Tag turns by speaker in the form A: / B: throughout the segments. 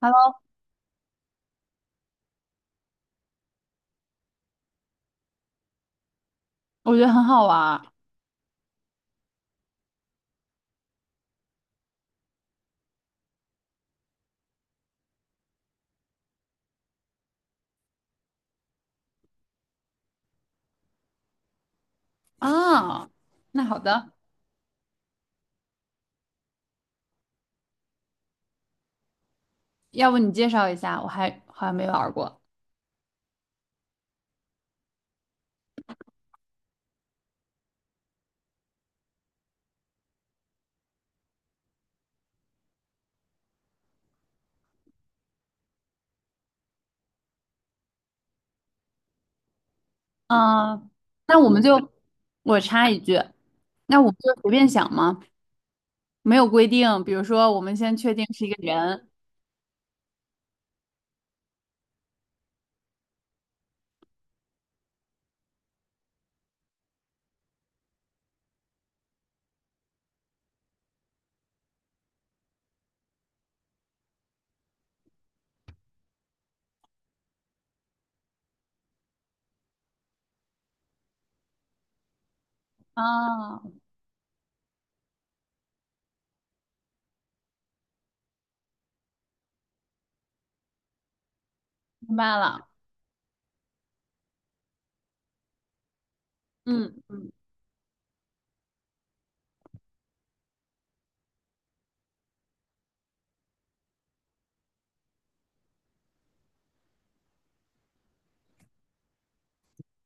A: Hello，我觉得很好玩儿啊。那好的，要不你介绍一下？我还好像没玩儿过。啊。那我们就我插一句，那我们就随便想嘛，没有规定。比如说，我们先确定是一个人啊，明白了。嗯嗯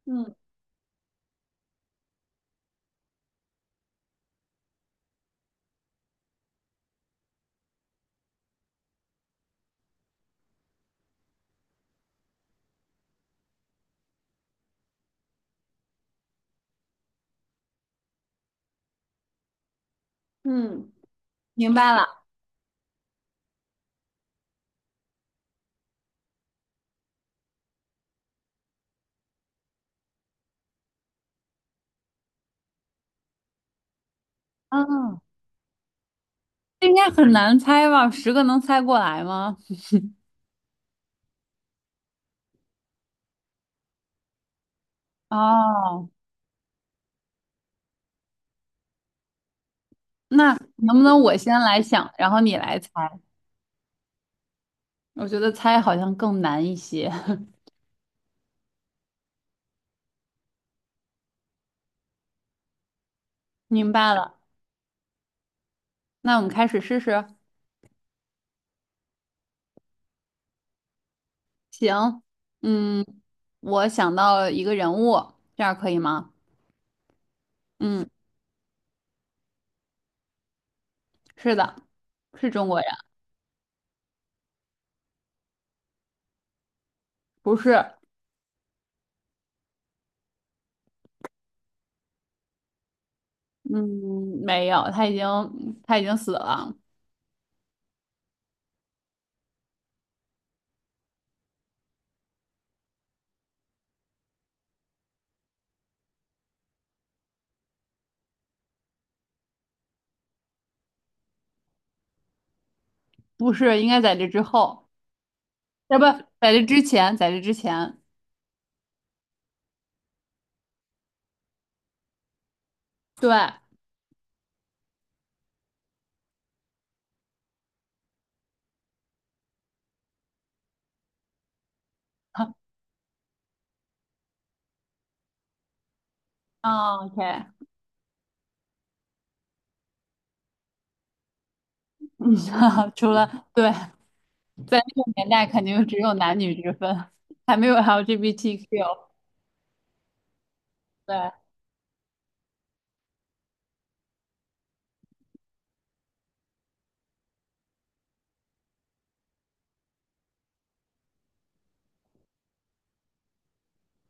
A: 嗯嗯，明白了。嗯，这应该很难猜吧？10个能猜过来吗？哦，那能不能我先来想，然后你来猜？我觉得猜好像更难一些。明白了，那我们开始试试。行，嗯，我想到了一个人物，这样可以吗？嗯，是的，是中国人，不是，嗯，没有，他已经死了，不是，应该在这之后，要不在这之前，在这之前，对，啊哦，OK，嗯，除了对，在那个年代肯定只有男女之分，还没有 LGBTQ，对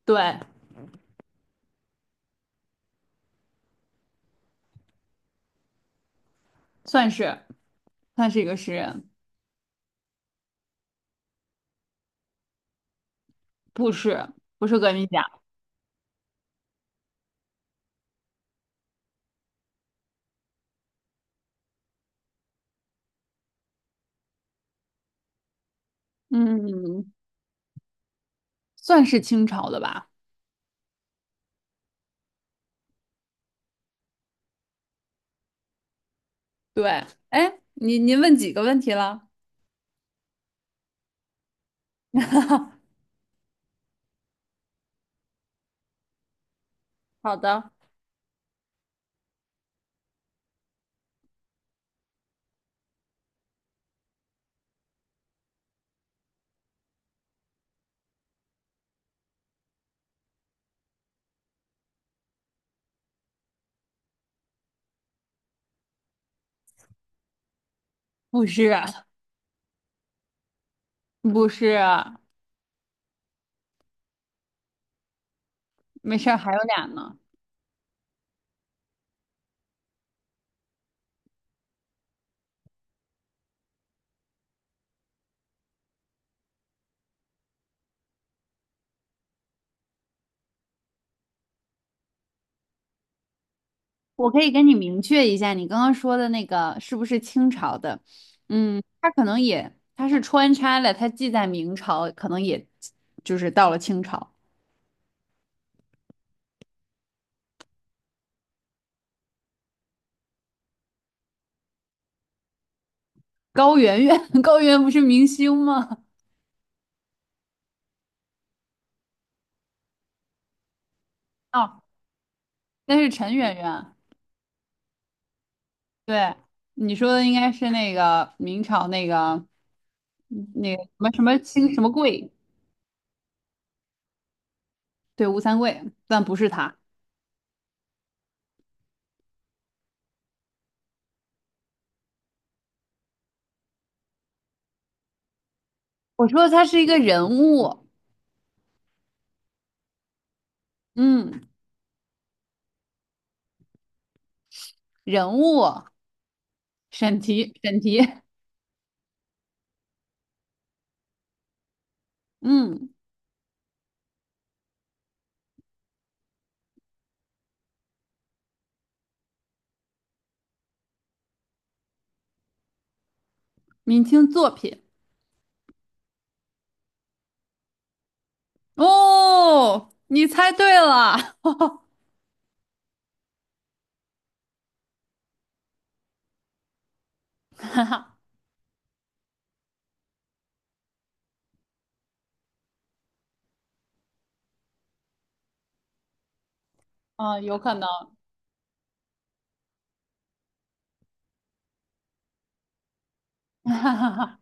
A: 对，算是算是一个诗人。不是，不是革命家，嗯，算是清朝的吧？对，哎，您问几个问题了？好的，不是，不是，没事儿，还有俩呢。我可以跟你明确一下，你刚刚说的那个是不是清朝的？嗯，他可能也，他是穿插了，他既在明朝，可能也就是到了清朝。高圆圆，高圆圆不是明星吗？哦，那是陈圆圆。对，你说的应该是那个明朝那个什么什么清什么贵，对，吴三桂，但不是他。我说他是一个人物，嗯，人物，审题，审题 嗯，明清作品。哦，你猜对了，哈哈，嗯，有可能，哈哈哈，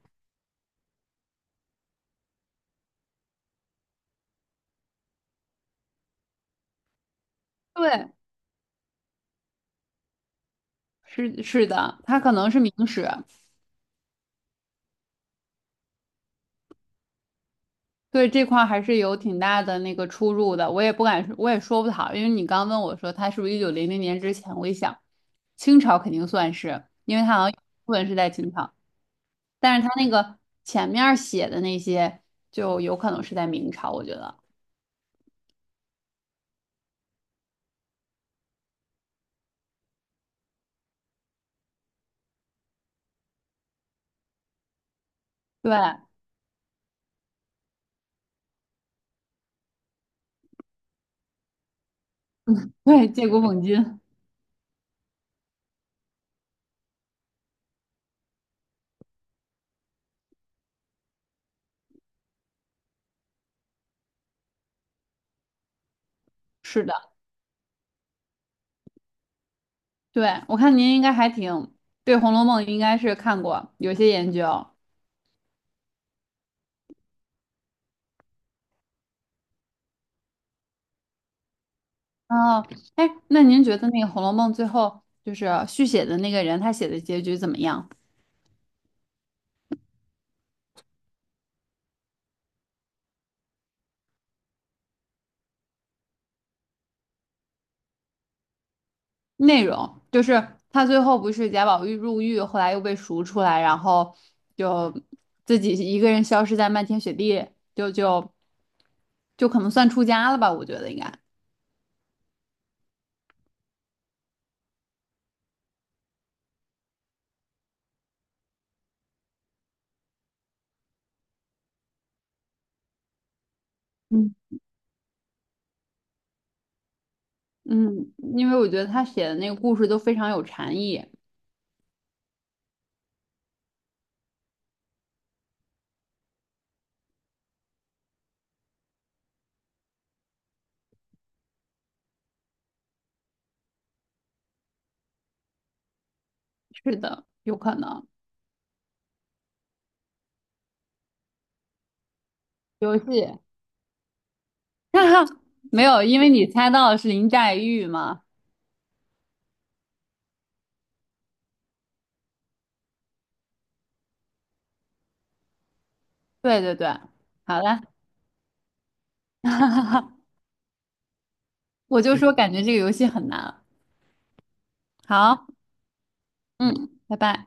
A: 对，是的，他可能是明史，对，这块儿还是有挺大的那个出入的，我也不敢，我也说不好，因为你刚问我说他是不是1900年之前，我一想，清朝肯定算是，因为它好像有一部分是在清朝，但是它那个前面儿写的那些就有可能是在明朝，我觉得，对对，借古讽今，是的，对，我看您应该还挺对《红楼梦》应该是看过有些研究，哦，哎，那您觉得那个《红楼梦》最后就是续写的那个人他写的结局怎么样？内容，就是他最后不是贾宝玉入狱，后来又被赎出来，然后就自己一个人消失在漫天雪地，就就就可能算出家了吧，我觉得应该。嗯，嗯，因为我觉得他写的那个故事都非常有禅意。是的，有可能。游戏，哈哈，没有，因为你猜到的是林黛玉嘛。对对对，好了，我就说感觉这个游戏很难。好，嗯，拜拜。